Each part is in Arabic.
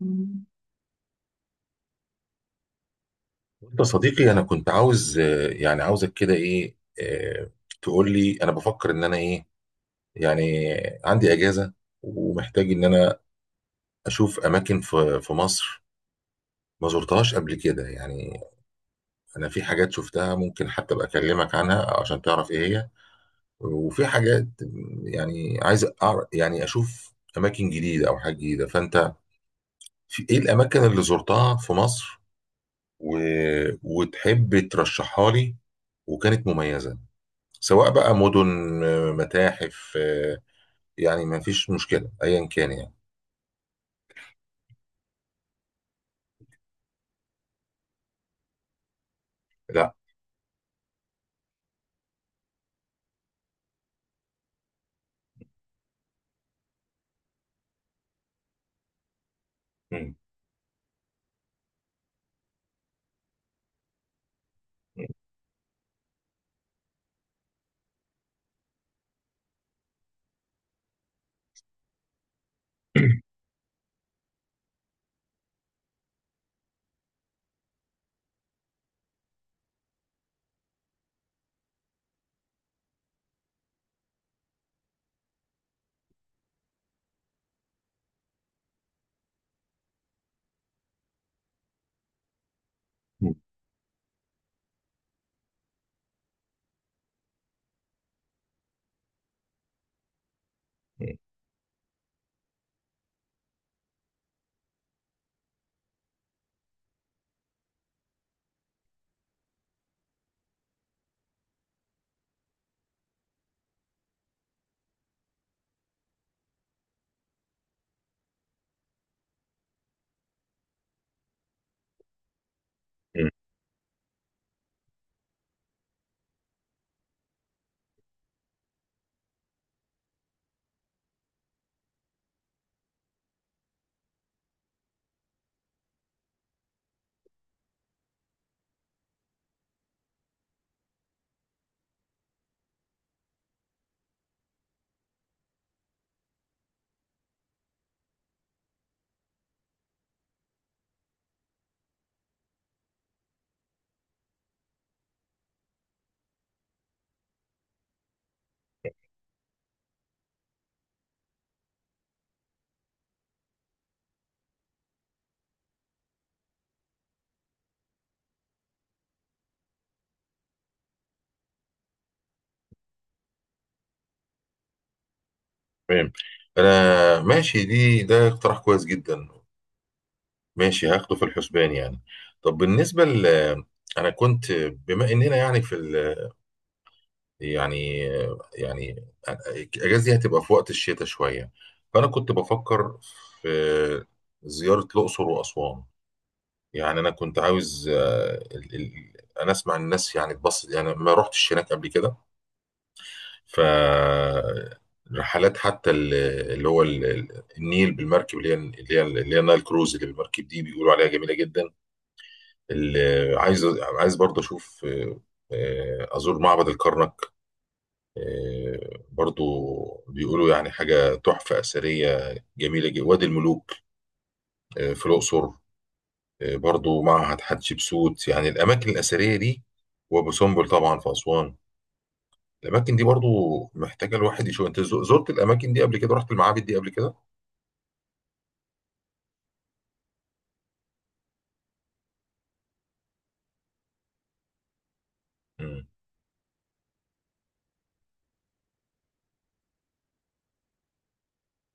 مم. انت صديقي انا كنت عاوز يعني عاوزك كده ايه آه، تقول لي انا بفكر ان انا ايه يعني عندي اجازه ومحتاج ان انا اشوف اماكن في مصر ما زرتهاش قبل كده يعني. انا في حاجات شفتها ممكن حتى ابقى اكلمك عنها عشان تعرف ايه هي، وفي حاجات يعني عايز أعرف، يعني اشوف اماكن جديده او حاجه جديده. فانت في ايه الاماكن اللي زرتها في مصر و... وتحب ترشحها لي وكانت مميزه، سواء بقى مدن، متاحف، يعني ما فيش مشكلة ايا كان يعني. لا. م- م- م- تمام. انا ماشي، دي ده اقتراح كويس جدا. ماشي، هاخده في الحسبان يعني. طب بالنسبة انا كنت، بما اننا يعني يعني يعني الاجازة دي هتبقى في وقت الشتاء شوية، فانا كنت بفكر في زيارة الاقصر واسوان. يعني انا كنت عاوز انا اسمع الناس يعني اتبسط، يعني ما رحتش هناك قبل كده. ف رحلات اللي هو النيل بالمركب، اللي هي نايل كروز اللي بالمركب دي، بيقولوا عليها جميله جدا. اللي، عايز عايز برضه اشوف ازور معبد الكرنك، برضه بيقولوا يعني حاجه تحفه اثريه جميله جدا، وادي الملوك في الاقصر، برضو معهد حتشبسوت، يعني الأماكن الأثرية دي، وأبو سمبل طبعا في أسوان. الأماكن دي برضو محتاجة الواحد يشوف. أنت زرت الأماكن دي قبل كده، رحت المعابد دي قبل كده؟ مم.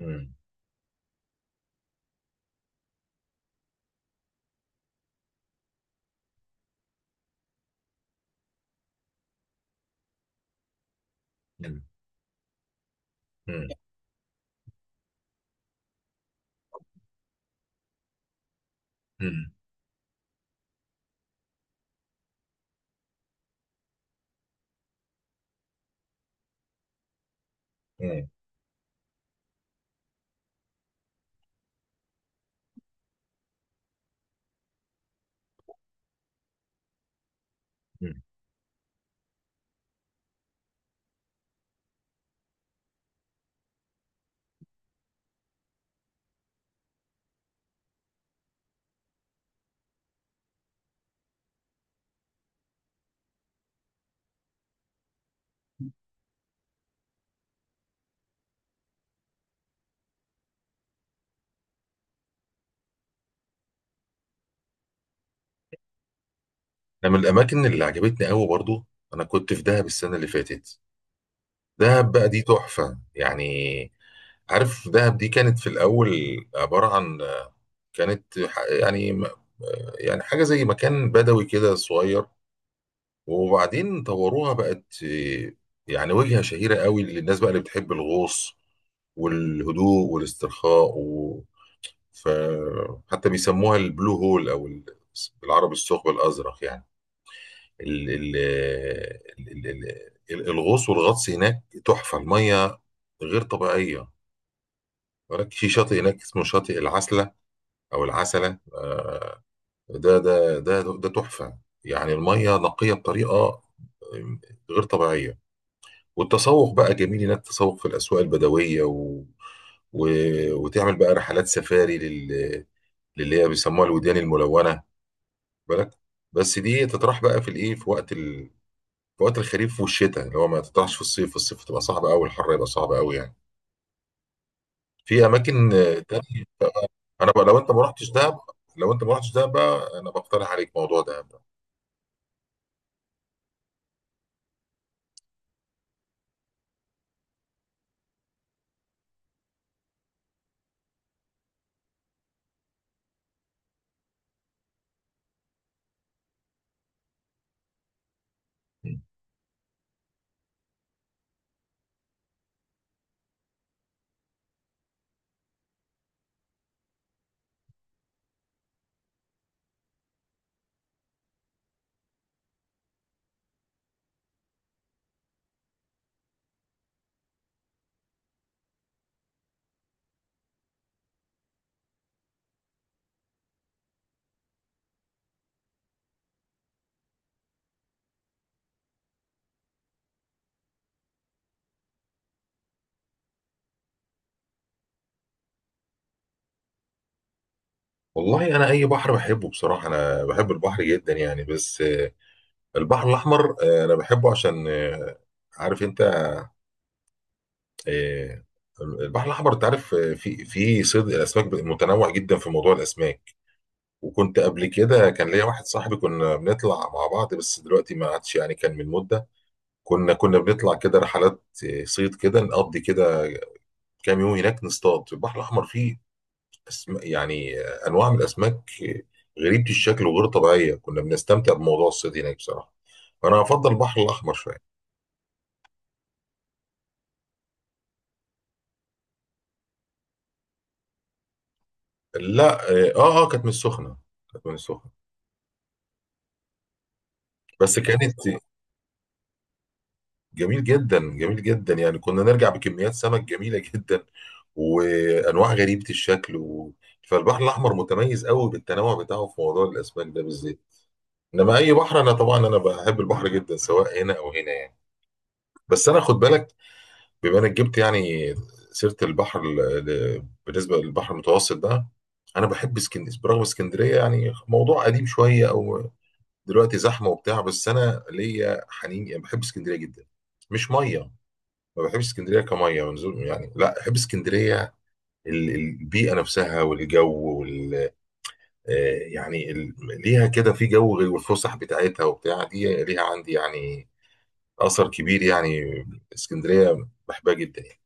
مم. مم. مم. مم. مم. مم. أنا من الأماكن اللي عجبتني قوي برضو، أنا كنت في دهب السنة اللي فاتت. دهب بقى دي تحفة يعني. عارف، دهب دي كانت في الأول عبارة عن، كانت يعني حاجة زي مكان بدوي كده صغير، وبعدين طوروها بقت إيه، يعني وجهة شهيرة قوي للناس بقى اللي بتحب الغوص والهدوء والاسترخاء ف... حتى بيسموها البلو هول او بالعربي الثقب الازرق يعني. ال... ال... ال... ال... الغوص والغطس هناك تحفة، المية غير طبيعية. هناك في شاطئ هناك اسمه شاطئ العسلة او العسلة، ده تحفة يعني. المية نقية بطريقة غير طبيعية. والتسوق بقى جميل انك تسوق في الاسواق البدويه و... وتعمل بقى رحلات سفاري للي هي بيسموها الوديان الملونه، بالك. بس دي تطرح بقى في الايه، في وقت الخريف والشتاء، اللي هو ما تطرحش في الصيف. الصيف تبقى صعبه قوي، الحر يبقى صعب قوي يعني. في اماكن تانية. انا بقى، لو انت ما رحتش دهب، بقى انا بقترح عليك موضوع دهب ده. والله انا اي بحر بحبه بصراحه، انا بحب البحر جدا يعني، بس البحر الاحمر انا بحبه عشان عارف انت، آه، البحر الأحمر أنت عارف، في صيد الأسماك متنوع جدا، في موضوع الأسماك. وكنت قبل كده كان ليا واحد صاحبي كنا بنطلع مع بعض، بس دلوقتي ما عادش يعني، كان من مدة. كنا بنطلع كده رحلات صيد كده، نقضي كده كام يوم هناك نصطاد في البحر الأحمر. فيه يعني أنواع من الأسماك غريبة الشكل وغير طبيعية، كنا بنستمتع بموضوع الصيد هناك بصراحة. فأنا أفضل البحر الأحمر شوية. لا كانت من السخنة، كانت من السخنة. بس كانت جميل جدا، جميل جدا يعني. كنا نرجع بكميات سمك جميلة جدا وأنواع غريبة الشكل فالبحر الأحمر متميز قوي بالتنوع بتاعه في موضوع الأسماك ده بالذات. إنما أي بحر، أنا طبعا، أنا بحب البحر جدا سواء هنا أو هنا يعني. بس أنا خد بالك، بما إنك جبت يعني سيرة البحر، بالنسبة للبحر المتوسط ده، أنا بحب اسكندرية. برغم اسكندرية يعني موضوع قديم شوية أو دلوقتي زحمة وبتاع، بس أنا ليا حنين يعني، بحب اسكندرية جدا. مش مية. ما بحبش اسكندريه كميه ونزول يعني، لا بحب اسكندريه، البيئه نفسها والجو وال آه، يعني ليها كده في جو غير، والفسح بتاعتها وبتاع دي ليها عندي يعني اثر كبير يعني. اسكندريه بحبها جدا يعني.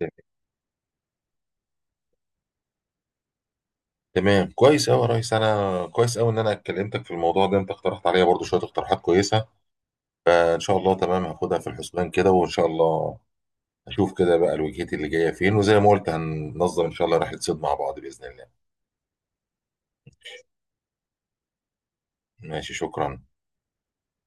مم. تمام، كويس قوي يا ريس، انا كويس قوي ان انا كلمتك في الموضوع ده. انت اقترحت عليا برضو شويه اقتراحات كويسه، ان شاء الله تمام، هاخدها في الحسبان كده، وان شاء الله اشوف كده بقى الوجهات اللي جايه فين، وزي ما قلت هننظم ان شاء الله رحله صيد مع بعض باذن الله. ماشي، شكرا.